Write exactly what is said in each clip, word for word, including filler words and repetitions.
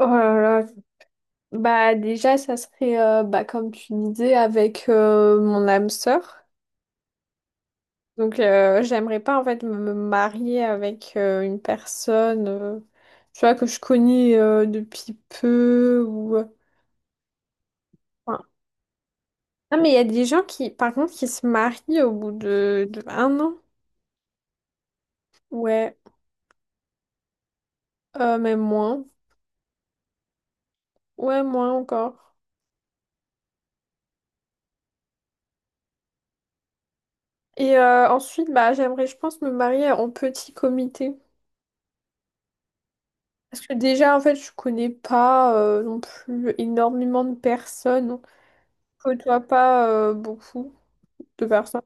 Oh là là. Bah déjà ça serait euh, bah, comme tu disais avec euh, mon âme sœur. Donc euh, j'aimerais pas en fait me me marier avec euh, une personne, euh, tu vois, que je connais euh, depuis peu ou euh, enfin, ah mais il y a des gens qui par contre qui se marient au bout de, de un an. Ouais, euh, même moins. Ouais, moins encore. Et euh, ensuite, bah j'aimerais, je pense, me marier en petit comité. Parce que déjà, en fait, je connais pas euh, non plus énormément de personnes. Je côtoie pas euh, beaucoup de personnes.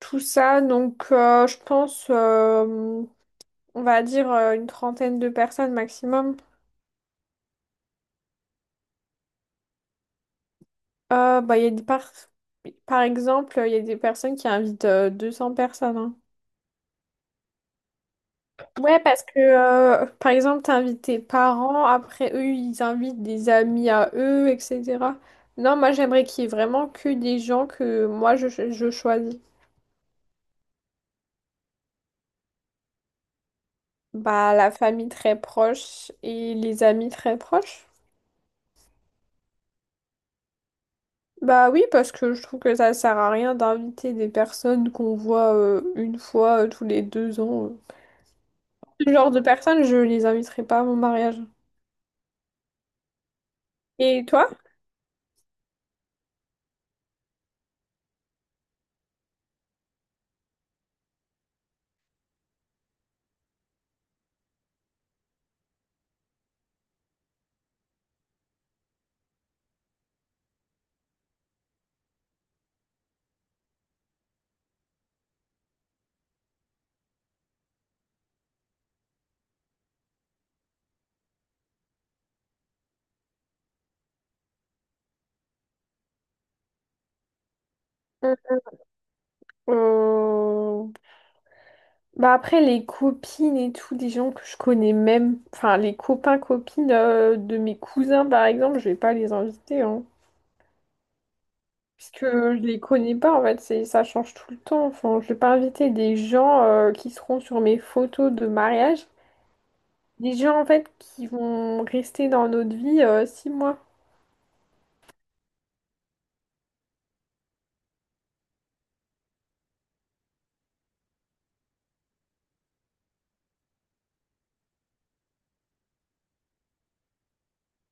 Tout ça, donc euh, je pense, euh, on va dire euh, une trentaine de personnes maximum. Euh, bah, il y a des par... par exemple, il y a des personnes qui invitent euh, deux cents personnes, hein. Ouais, parce que euh, par exemple, t'invites tes parents, après eux, ils invitent des amis à eux, et cetera. Non, moi j'aimerais qu'il y ait vraiment que des gens que moi je, je choisis. Bah, la famille très proche et les amis très proches. Bah oui, parce que je trouve que ça sert à rien d'inviter des personnes qu'on voit euh, une fois euh, tous les deux ans. euh. Ce genre de personnes, je les inviterai pas à mon mariage. Et toi? Mm. Euh, Bah après, les copines et tout, des gens que je connais même, enfin les copains-copines euh, de mes cousins, par exemple, je vais pas les inviter, hein. Parce que je les connais pas, en fait, c'est, ça change tout le temps. Enfin, je vais pas inviter des gens euh, qui seront sur mes photos de mariage. Des gens, en fait, qui vont rester dans notre vie euh, six mois.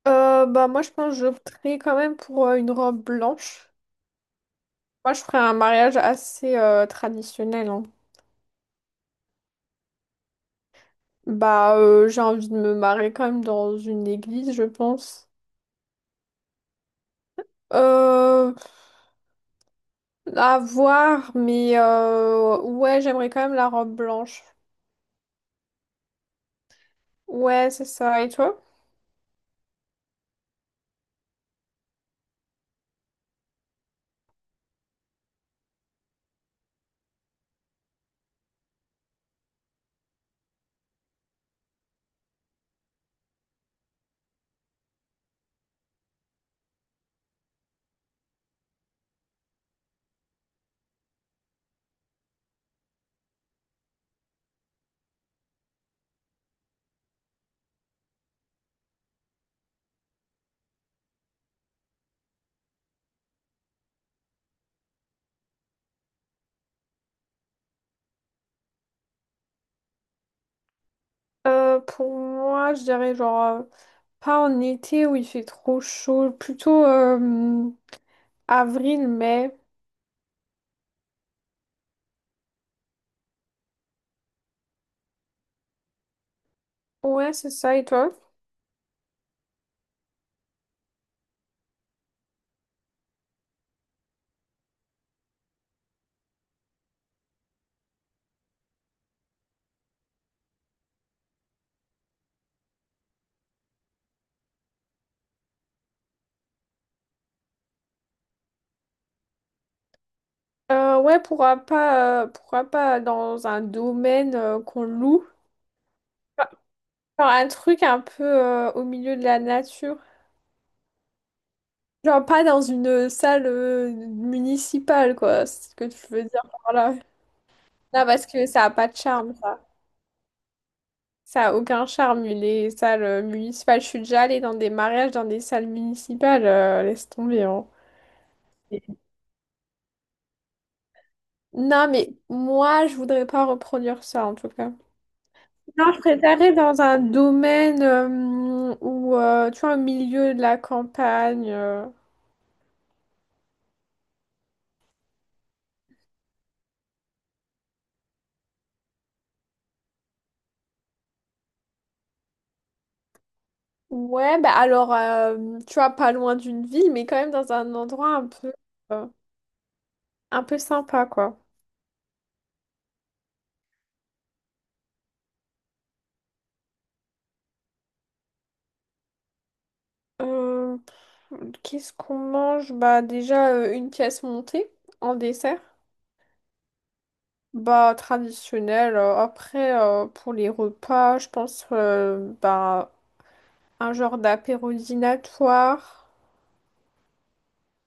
Euh, bah, moi, je pense que j'opterais quand même pour euh, une robe blanche. Moi, je ferais un mariage assez euh, traditionnel, hein. Bah, euh, j'ai envie de me marier quand même dans une église, je pense. Euh, à voir, mais euh, ouais, j'aimerais quand même la robe blanche. Ouais, c'est ça. Et toi? Euh, pour moi, je dirais genre euh, pas en été où il fait trop chaud, plutôt euh, avril, mai. Ouais, c'est ça, et toi? Euh, ouais, pourquoi pas, euh, pourquoi pas dans un domaine euh, qu'on loue? Genre un truc un peu euh, au milieu de la nature. Genre pas dans une euh, salle euh, municipale, quoi. C'est ce que tu veux dire par là. Non, parce que ça a pas de charme. Ça a aucun charme, les salles euh, municipales. Je suis déjà allée dans des mariages, dans des salles municipales, euh, laisse tomber, hein. Non, mais moi, je voudrais pas reproduire ça, en tout cas. Non, je préférerais dans un domaine euh, où, euh, tu vois, au milieu de la campagne. euh. Ouais, bah alors, euh, tu vois, pas loin d'une ville, mais quand même dans un endroit un peu, euh, un peu sympa, quoi. Euh, Qu'est-ce qu'on mange? Bah déjà, euh, une pièce montée en dessert. Bah, traditionnel. euh, Après, euh, pour les repas, je pense euh, bah, un genre d'apéro dînatoire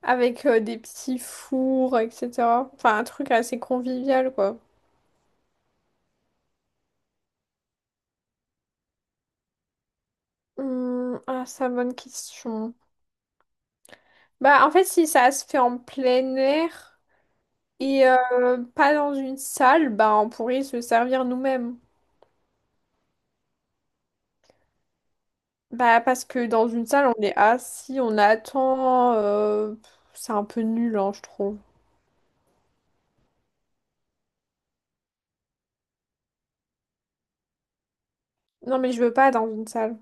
avec euh, des petits fours, et cetera. Enfin, un truc assez convivial, quoi. Hum, ah, ça, bonne question. Bah, en fait, si ça se fait en plein air et euh, pas dans une salle, bah, on pourrait se servir nous-mêmes. Bah, parce que dans une salle, on est assis, on attend. euh, c'est un peu nul, hein, je trouve. Non, mais je veux pas dans une salle.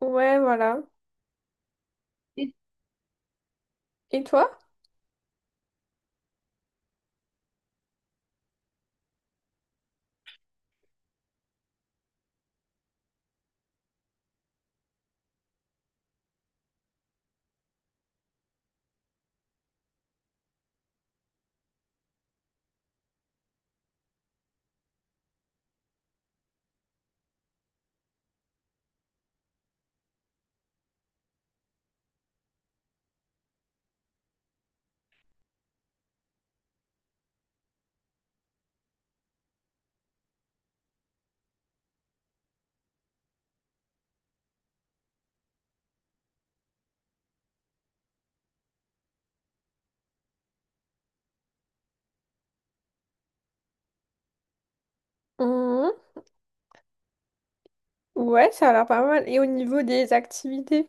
Ouais, voilà. Et- Et toi? Mhm. Ouais, ça a l'air pas mal. Et au niveau des activités?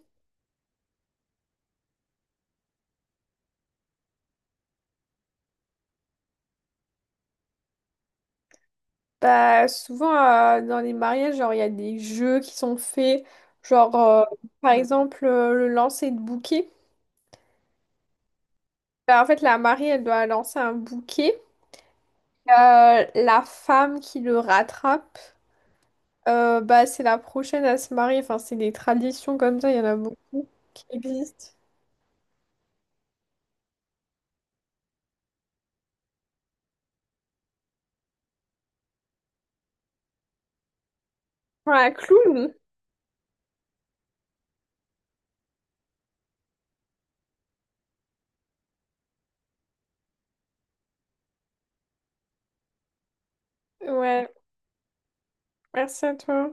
Bah, souvent, euh, dans les mariages, genre, il y a des jeux qui sont faits. Genre, euh, par exemple, euh, le lancer de bouquet. Bah, en fait, la mariée, elle doit lancer un bouquet. Euh, la femme qui le rattrape, euh, bah, c'est la prochaine à se marier. Enfin, c'est des traditions comme ça, il y en a beaucoup qui existent. Ouais, clown! Ouais, merci à toi.